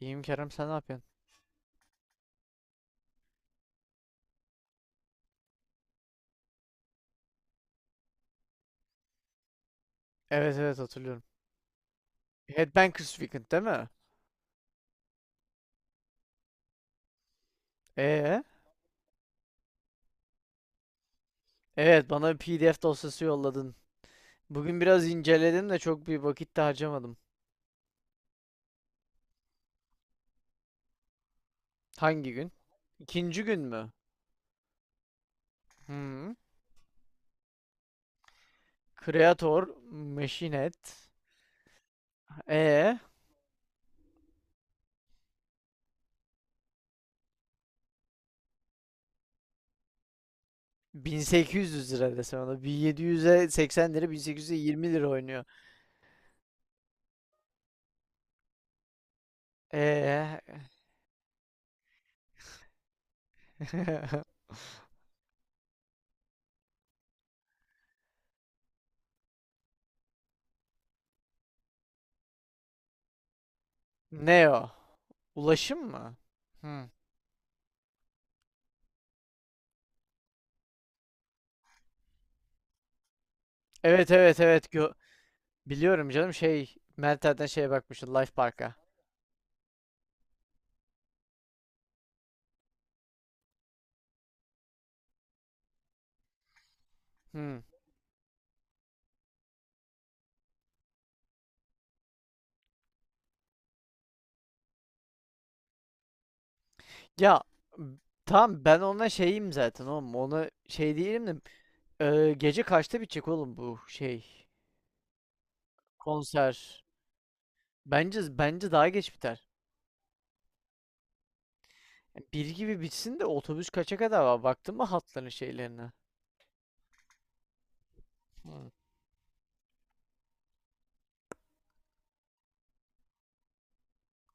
İyiyim Kerem, sen ne yapıyorsun? Evet, evet, hatırlıyorum. Headbangers Weekend değil mi? Ee? Evet, bana bir PDF dosyası yolladın. Bugün biraz inceledim de çok bir vakit de harcamadım. Hangi gün? İkinci gün mü? Hmm. Creator, Machinet. Ee? 1800 lira desem ona. 1700'e 80 lira, 1800'e 20 lira oynuyor. Ee? Ne o? Ulaşım mı? Hmm. Evet, evet, evet. Biliyorum canım, şey, Meltem'den şeye bakmıştım, Life Park'a. Hı. Ya, m- tamam, ben ona şeyim zaten, oğlum. Ona şey değilim de gece kaçta bitecek oğlum bu şey konser? Bence bence daha geç biter. Yani bir gibi bitsin de otobüs kaça kadar var? Baktın mı hatların şeylerine? Hı.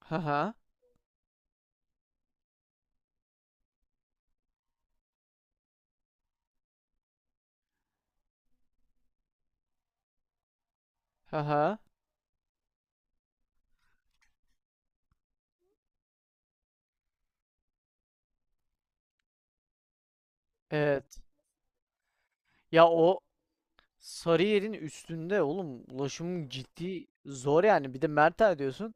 Haha. Haha. Evet. Ya, o Sarıyer'in üstünde oğlum, ulaşım ciddi zor yani. Bir de Mertel diyorsun.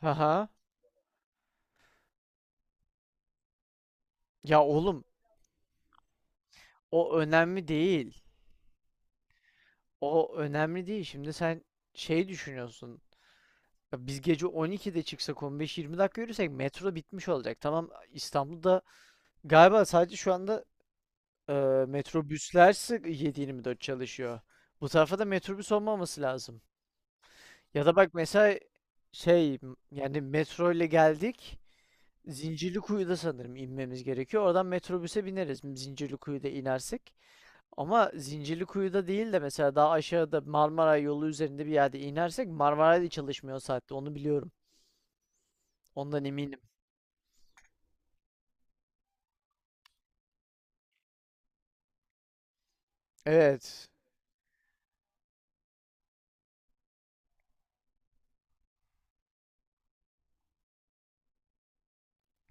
Haha. Ya oğlum, o önemli değil. O önemli değil. Şimdi sen şey düşünüyorsun. Ya, biz gece 12'de çıksak, 15-20 dakika yürüsek, metro bitmiş olacak. Tamam, İstanbul'da galiba sadece şu anda e, metrobüsler 7-24 çalışıyor. Bu tarafa da metrobüs olmaması lazım. Ya da bak mesela, şey yani, metro ile geldik. Zincirlikuyu'da sanırım inmemiz gerekiyor. Oradan metrobüse bineriz. Zincirlikuyu'da inersek. Ama Zincirlikuyu'da değil de, mesela daha aşağıda Marmara yolu üzerinde bir yerde inersek, Marmara'da çalışmıyor o saatte. Onu biliyorum. Ondan eminim. Evet.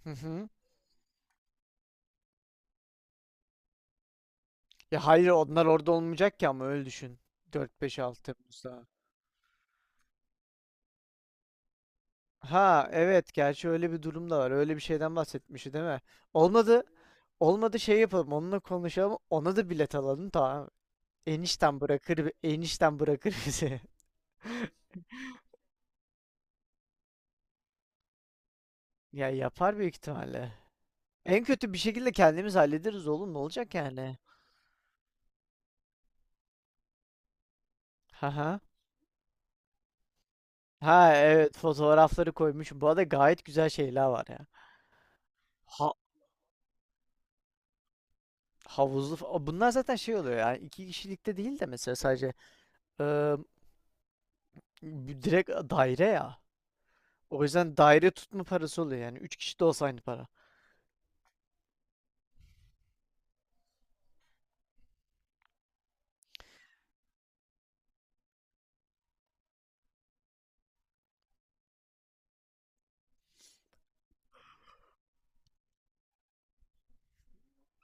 Hı hı. Ya hayır, onlar orada olmayacak ki, ama öyle düşün. 4-5-6 Temmuz'da. Ha evet, gerçi öyle bir durum da var. Öyle bir şeyden bahsetmişti değil mi? Olmadı. Olmadı, şey yapalım, onunla konuşalım. Ona da bilet alalım, tamam. Enişten bırakır, enişten bırakır bizi. Ya yapar büyük ihtimalle. En kötü bir şekilde kendimiz hallederiz oğlum, ne olacak yani? Ha ha. Ha evet, fotoğrafları koymuş. Bu arada gayet güzel şeyler var ya. Ha, Havuzlu bunlar zaten şey oluyor yani, iki kişilikte değil de mesela sadece eee, bir direkt daire ya. O yüzden daire tutma parası oluyor yani. Üç kişi de olsa aynı para.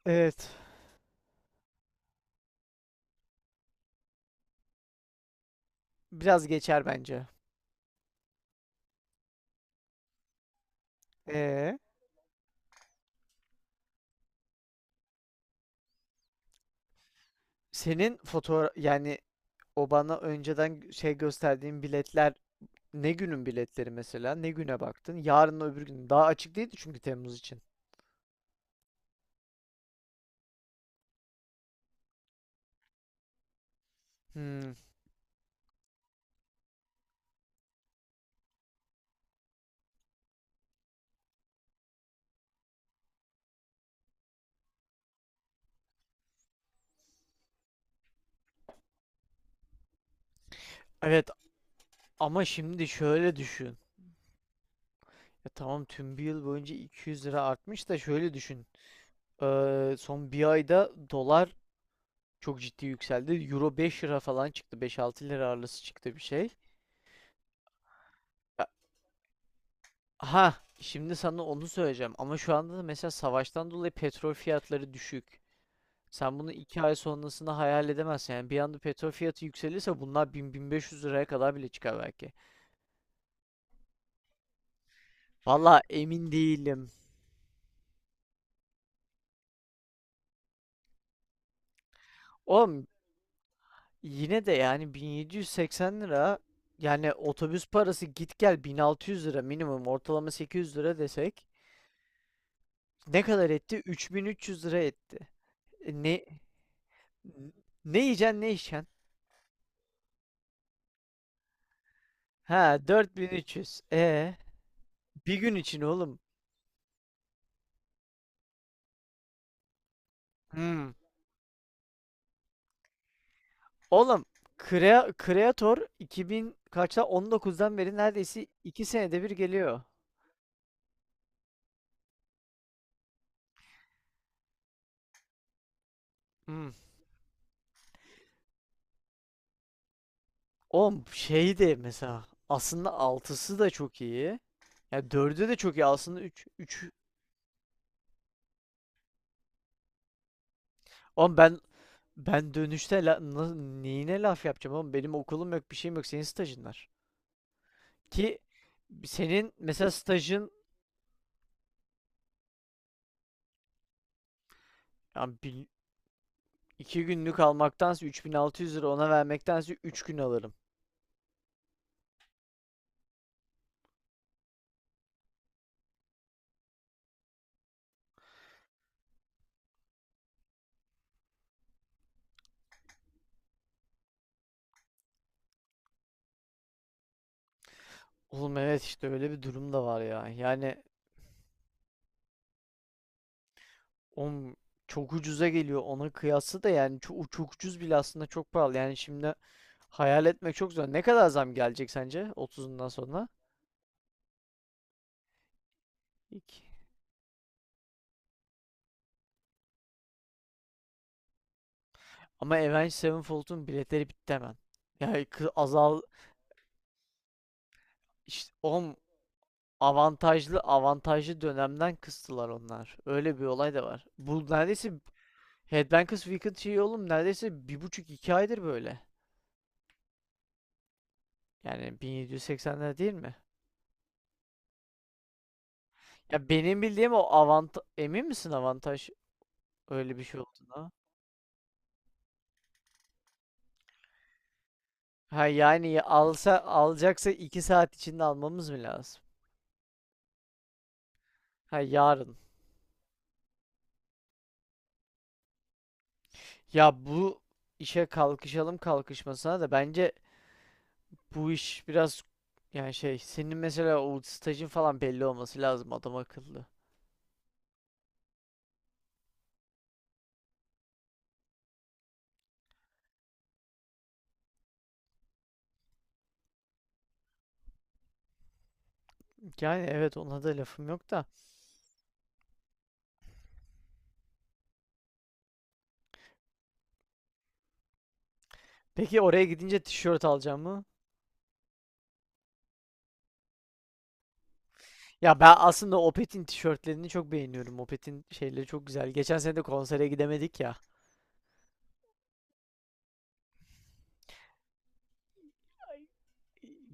Evet. Biraz geçer bence. Ee, Senin fotoğraf yani, o bana önceden şey gösterdiğin biletler ne günün biletleri mesela? Ne güne baktın? Yarın öbür gün. Daha açık değildi çünkü Temmuz için. Hmm. Evet, ama şimdi şöyle düşün. Ya tamam, tüm bir yıl boyunca 200 lira artmış da şöyle düşün. Son bir ayda dolar çok ciddi yükseldi. Euro 5 lira falan çıktı. 5-6 lira arası çıktı bir şey. Ya- Ha, şimdi sana onu söyleyeceğim. Ama şu anda da mesela savaştan dolayı petrol fiyatları düşük. Sen bunu 2 ay sonrasını hayal edemezsin. Yani bir anda petrol fiyatı yükselirse bunlar bin, bin beş yüz liraya kadar bile çıkar belki. Valla emin değilim. Oğlum yine de yani, 1780 lira, yani otobüs parası git gel 1600 lira minimum, ortalama 800 lira desek, ne kadar etti? 3300 lira etti. E, ne ne yiyeceksin ne içeceksin? Ha, 4300. E, bir gün için oğlum. Hmm. Oğlum, Creator 2000 kaçta, 19'dan beri neredeyse 2 senede bir geliyor. Hmm. Oğlum şey de, mesela aslında altısı da çok iyi. Ya dördü de çok iyi aslında, 3 3. Oğlum ben dönüşte neyine laf yapacağım oğlum, benim okulum yok bir şeyim yok, senin stajın var. Ki senin mesela stajın, yani iki günlük almaktansa 3600 lira ona vermektense 3 gün alırım. Oğlum evet, işte öyle bir durum da var ya. Yani oğlum çok ucuza geliyor ona kıyasla da, yani çok, çok ucuz bile aslında çok pahalı. Yani şimdi hayal etmek çok zor. Ne kadar zam gelecek sence otuzundan sonra? İki. Ama Avenged Sevenfold'un biletleri bitti hemen. Yani azal, işte oğlum avantajlı avantajlı dönemden kıstılar onlar. Öyle bir olay da var. Bu neredeyse Headbangers Weekend şeyi oğlum, neredeyse bir buçuk iki aydır böyle. Yani 1780'ler değil mi? Ya benim bildiğim o avantaj, emin misin avantaj öyle bir şey olduğuna? Ha, yani alsa alacaksa 2 saat içinde almamız mı lazım? Ha yarın. Ya bu işe kalkışalım kalkışmasına da bence bu iş biraz, yani şey, senin mesela o stajın falan belli olması lazım adam akıllı. Yani evet, ona da lafım yok da. Peki oraya gidince tişört alacağım mı? Ya ben aslında Opet'in tişörtlerini çok beğeniyorum. Opet'in şeyleri çok güzel. Geçen sene de konsere gidemedik ya.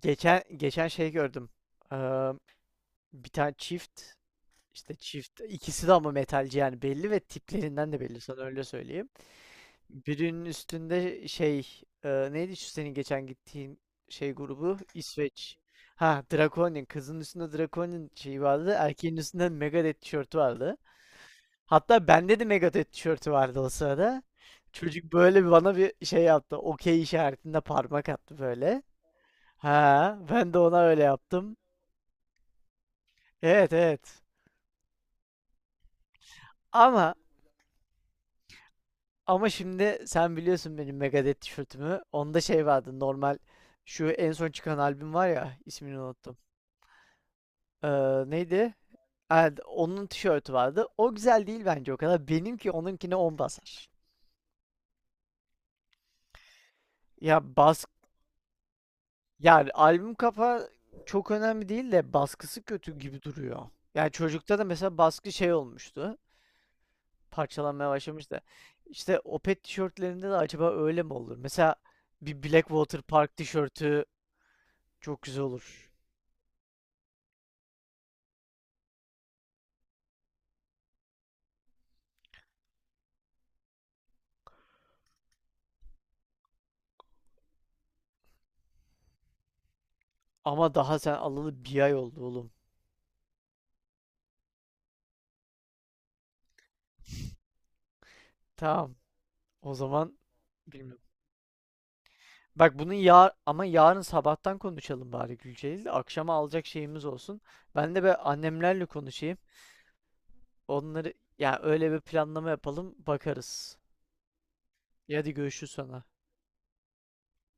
Geçen şey gördüm. Ee, Bir tane çift işte, çift, ikisi de ama metalci yani belli, ve tiplerinden de belli, sana öyle söyleyeyim. Birinin üstünde şey, neydi şu senin geçen gittiğin şey grubu, İsveç. Ha Draconian, kızın üstünde Draconian şeyi vardı, erkeğin üstünde Megadeth tişörtü vardı. Hatta bende de Megadeth tişörtü vardı o sırada. Çocuk böyle bir bana bir şey yaptı. Okey işaretinde parmak attı böyle. Ha, ben de ona öyle yaptım. Evet, evet. Ama ama şimdi sen biliyorsun benim Megadeth tişörtümü. Onda şey vardı normal, şu en son çıkan albüm var ya, ismini unuttum. Ee, Neydi? Evet, onun tişörtü vardı. O güzel değil bence o kadar. Benimki onunkine on basar. Ya bas Yani albüm kapağı çok önemli değil de baskısı kötü gibi duruyor. Yani çocukta da mesela baskı şey olmuştu. Parçalanmaya başlamıştı. İşte Opet tişörtlerinde de acaba öyle mi olur? Mesela bir Blackwater Park tişörtü çok güzel olur. Ama daha sen alalı bir ay oldu oğlum. Tamam. O zaman bilmiyorum. Bak bunu ama yarın sabahtan konuşalım bari, Gülceğiz. Akşama alacak şeyimiz olsun. Ben de be annemlerle konuşayım. Onları, ya öyle bir planlama yapalım, bakarız. Ya hadi görüşürüz sonra.